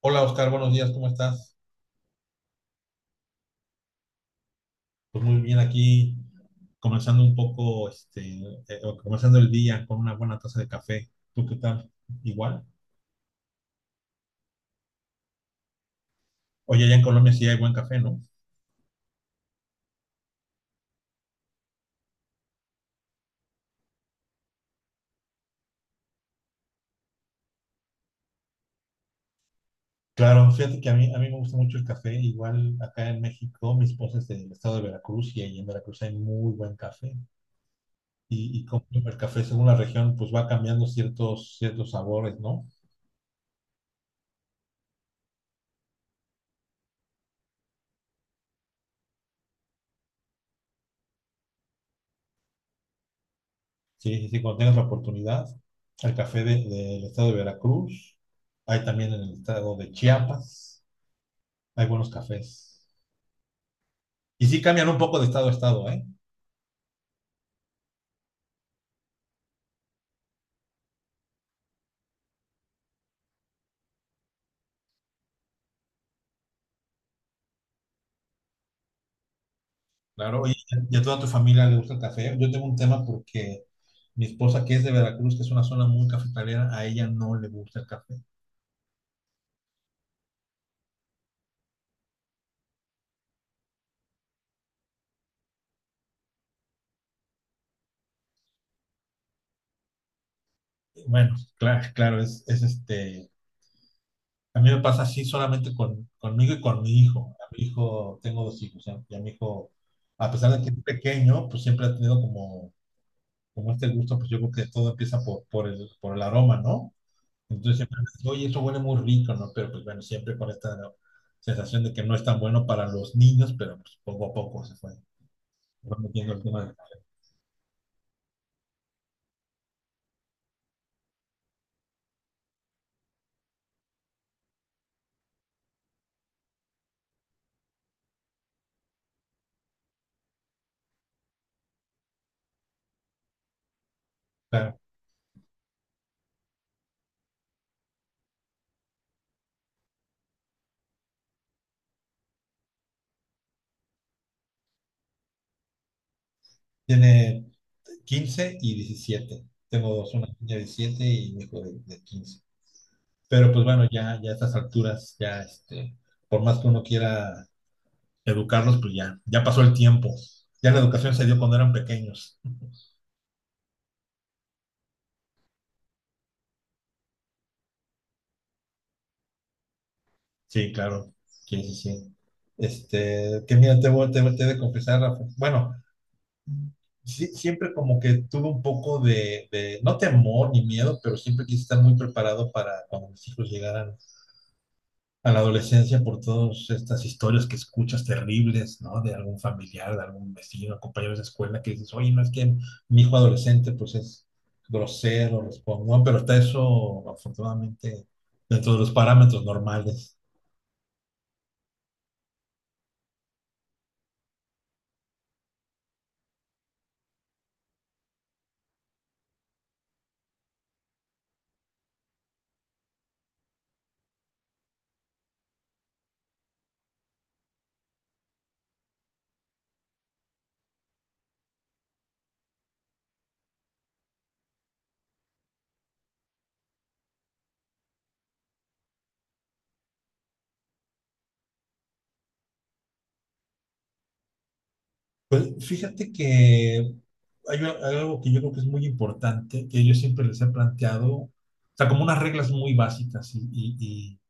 Hola Oscar, buenos días, ¿cómo estás? Pues muy bien aquí, comenzando un poco, o comenzando el día con una buena taza de café. ¿Tú qué tal? Igual. Oye, allá en Colombia sí hay buen café, ¿no? Claro, fíjate que a mí me gusta mucho el café. Igual acá en México, mi esposa es del estado de Veracruz y ahí en Veracruz hay muy buen café. Y como el café según la región, pues va cambiando ciertos sabores, ¿no? Sí, sí, sí, cuando tengas la oportunidad, al café del estado de Veracruz, hay también en el estado de Chiapas, hay buenos cafés. Y sí cambian un poco de estado a estado, ¿eh? Claro. Oye, ¿y a toda tu familia le gusta el café? Yo tengo un tema porque mi esposa, que es de Veracruz, que es una zona muy cafetalera, a ella no le gusta el café. Bueno, claro, claro, es. A mí me pasa así solamente conmigo y con mi hijo. A mi hijo, tengo dos hijos, y a mi hijo, a pesar de que es pequeño, pues siempre ha tenido como este gusto, pues yo creo que todo empieza por el aroma, ¿no? Entonces siempre, me dicen, oye, eso huele muy rico, ¿no? Pero pues bueno, siempre con esta sensación de que no es tan bueno para los niños, pero pues poco a poco se fue fue metiendo el tema. Claro, tiene 15 y 17. Tengo dos, una niña de 17 y un hijo de 15. Pero pues bueno, ya, ya a estas alturas, por más que uno quiera educarlos, pues ya, ya pasó el tiempo. Ya la educación se dio cuando eran pequeños. Sí, claro. Sí, sí, sí. Que mira, te he de confesar, Rafa. Bueno, sí, siempre como que tuve un poco de no temor ni miedo, pero siempre quise estar muy preparado para cuando mis hijos llegaran a la adolescencia por todas estas historias que escuchas terribles, ¿no? De algún familiar, de algún vecino, compañeros de escuela que dices, oye, no es que mi hijo adolescente pues es grosero, responde, ¿no? Pero está eso, afortunadamente, dentro de los parámetros normales. Pues fíjate que hay algo que yo creo que es muy importante, que yo siempre les he planteado, o sea, como unas reglas muy básicas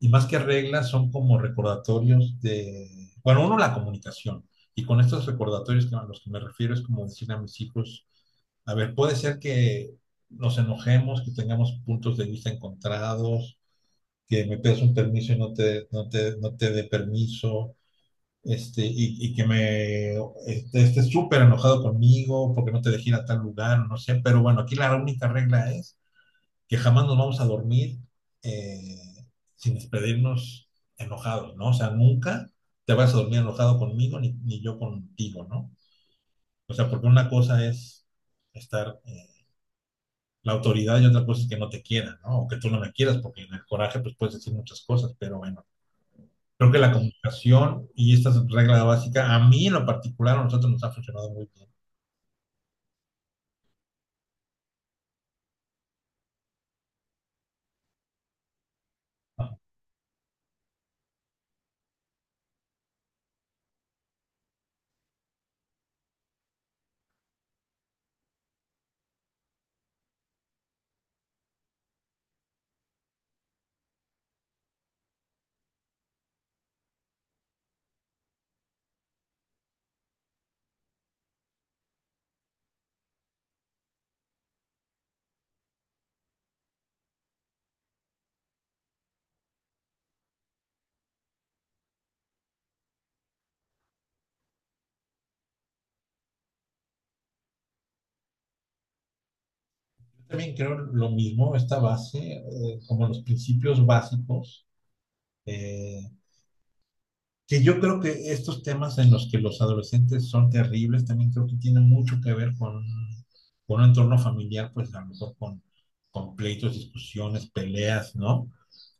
y más que reglas son como recordatorios de, bueno, uno, la comunicación. Y con estos recordatorios que, a los que me refiero es como decir a mis hijos, a ver, puede ser que nos enojemos, que tengamos puntos de vista encontrados, que me pidas un permiso y no te dé permiso, y que me esté súper enojado conmigo porque no te dejé ir a tal lugar, no sé, pero bueno, aquí la única regla es que jamás nos vamos a dormir eh, sin despedirnos enojados, ¿no? O sea, nunca te vas a dormir enojado conmigo ni yo contigo, ¿no? O sea, porque una cosa es estar la autoridad y otra cosa es que no te quieran, ¿no? O que tú no me quieras, porque en el coraje pues puedes decir muchas cosas, pero bueno, creo que la comunicación y esta regla básica, a mí en lo particular, a nosotros nos ha funcionado muy bien. Yo también creo lo mismo, esta base, como los principios básicos, eh, que yo creo que estos temas en los que los adolescentes son terribles, también creo que tienen mucho que ver con un entorno familiar, pues a lo mejor con pleitos, discusiones, peleas, ¿no?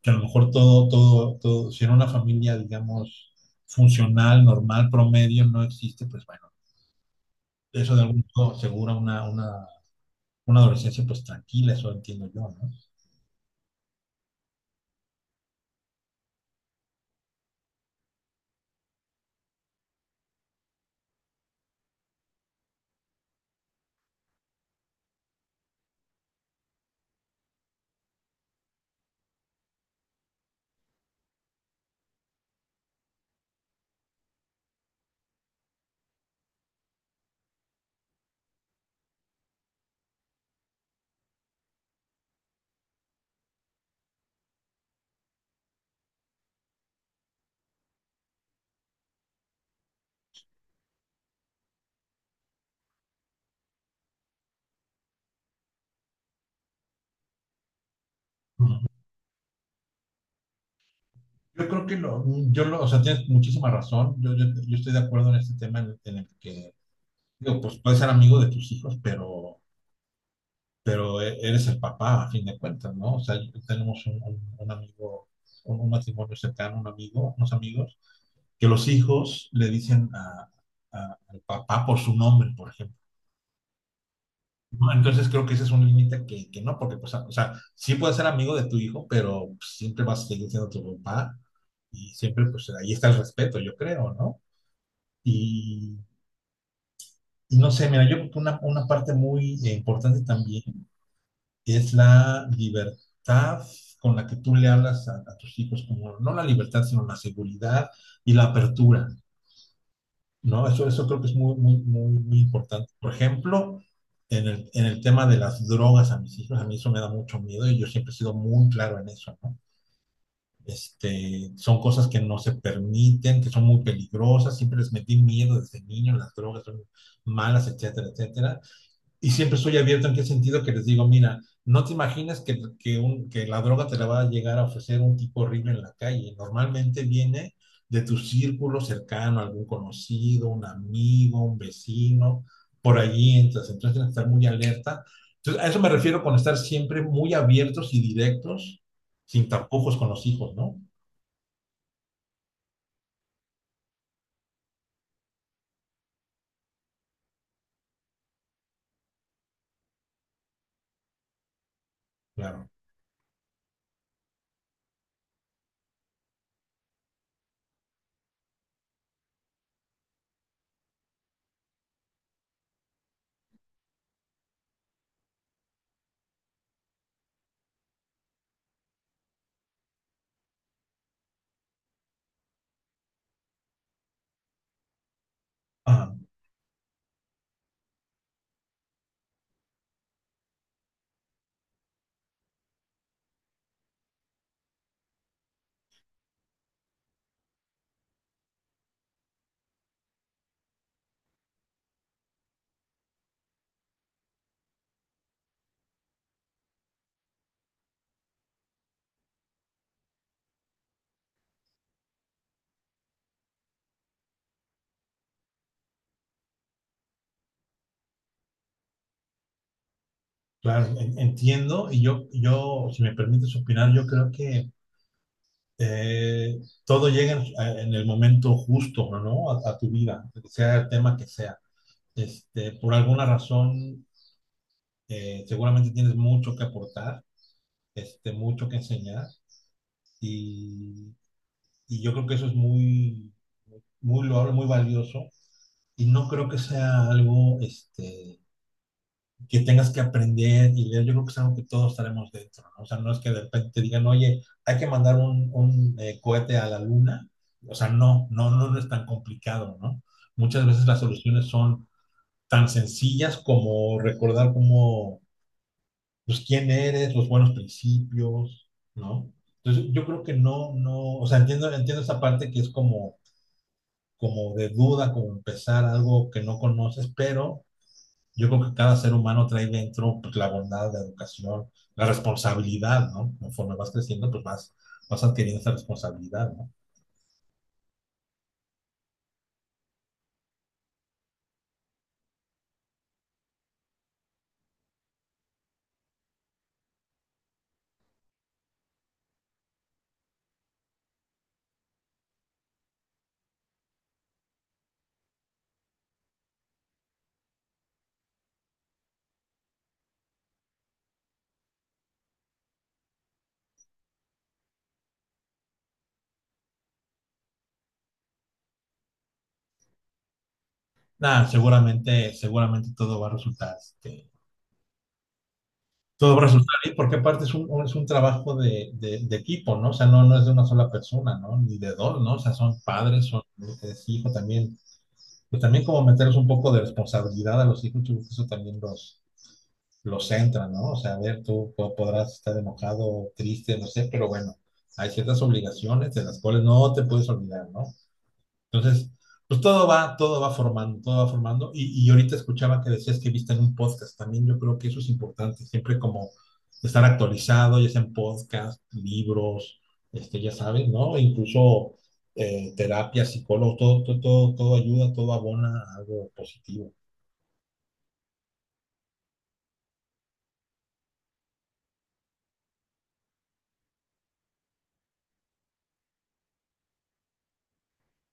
Que a lo mejor todo, todo, todo, si en una familia, digamos, funcional, normal, promedio, no existe, pues bueno, eso de algún modo asegura una, una adolescencia pues tranquila, eso entiendo yo, ¿no? Ujú. Yo creo que lo, yo lo, o sea, tienes muchísima razón. Yo estoy de acuerdo en este tema en el que, digo, pues puedes ser amigo de tus hijos, eres el papá a fin de cuentas, ¿no? O sea, tenemos un, un amigo, un matrimonio cercano, un amigo, unos amigos, que los hijos le dicen al papá por su nombre, por ejemplo. ¿No? Entonces creo que ese es un límite que no, porque, pues, o sea, sí puedes ser amigo de tu hijo, pero pues, siempre vas a seguir siendo tu papá y siempre, pues, ahí está el respeto, yo creo, ¿no? Y, y no sé, mira, yo creo que una, parte muy importante también es la libertad con la que tú le hablas a tus hijos, como no la libertad, sino la seguridad y la apertura, ¿no? Eso creo que es muy, muy, muy, muy importante. Por ejemplo, en el tema de las drogas a mis hijos, a mí eso me da mucho miedo y yo siempre he sido muy claro en eso, ¿no? Son cosas que no se permiten, que son muy peligrosas, siempre les metí miedo desde niño, las drogas son malas, etcétera, etcétera, y siempre estoy abierto en qué sentido que les digo, mira, no te imaginas que la droga te la va a llegar a ofrecer un tipo horrible en la calle. Normalmente viene de tu círculo cercano, algún conocido, un amigo, un vecino, por allí entras. Entonces tienes que estar muy alerta. Entonces, a eso me refiero con estar siempre muy abiertos y directos, sin tapujos con los hijos, ¿no? Claro. Ajá, claro, entiendo. Y si me permites opinar, yo creo que todo llega en el momento justo, ¿no? A tu vida, sea el tema que sea. Por alguna razón, seguramente tienes mucho que aportar, mucho que enseñar, y, y yo creo que eso es muy, muy loable, muy valioso, y no creo que sea algo, que tengas que aprender y leer, yo creo que es algo que todos estaremos dentro, ¿no? O sea, no es que de repente digan, oye, hay que mandar un, cohete a la luna. O sea, no, no, no es tan complicado, ¿no? Muchas veces las soluciones son tan sencillas como recordar como, pues, quién eres, los buenos principios, ¿no? Entonces, yo creo que no, no, o sea, entiendo, entiendo esa parte que es como, como de duda, como empezar algo que no conoces, pero yo creo que cada ser humano trae dentro pues, la bondad, la educación, la responsabilidad, ¿no? Conforme vas creciendo, pues vas adquiriendo esa responsabilidad, ¿no? Nada, seguramente, seguramente todo va a resultar, todo va a resultar bien, porque aparte es un, es un trabajo de equipo, ¿no? O sea, no, no es de una sola persona, ¿no? Ni de dos, ¿no? O sea, son padres, son es hijo también. Pues también como meterles un poco de responsabilidad a los hijos, yo creo que eso también los, lo centran, ¿no? O sea, a ver, tú podrás estar enojado, triste, no sé, pero bueno, hay ciertas obligaciones de las cuales no te puedes olvidar, ¿no? Entonces, pues todo va formando, todo va formando. Y ahorita escuchaba que decías que viste en un podcast, también yo creo que eso es importante, siempre como estar actualizado, ya sea en podcast, libros, ya sabes, ¿no? Incluso terapia, psicólogo, todo, todo, todo, todo ayuda, todo abona a algo positivo,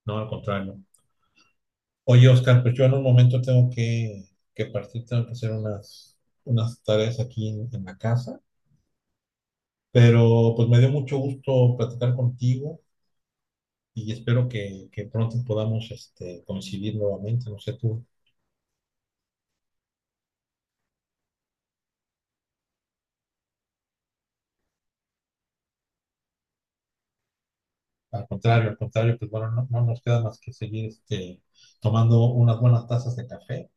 no al contrario. Oye, Oscar, pues yo en un momento tengo que partir, tengo que hacer unas tareas aquí en la casa, pero pues me dio mucho gusto platicar contigo y espero que pronto podamos coincidir nuevamente, no sé tú, al contrario, pues bueno, no, no nos queda más que seguir tomando unas buenas tazas de café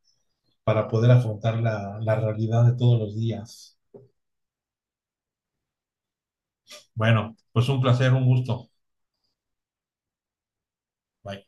para poder afrontar la realidad de todos los días. Bueno, pues un placer, un gusto. Bye.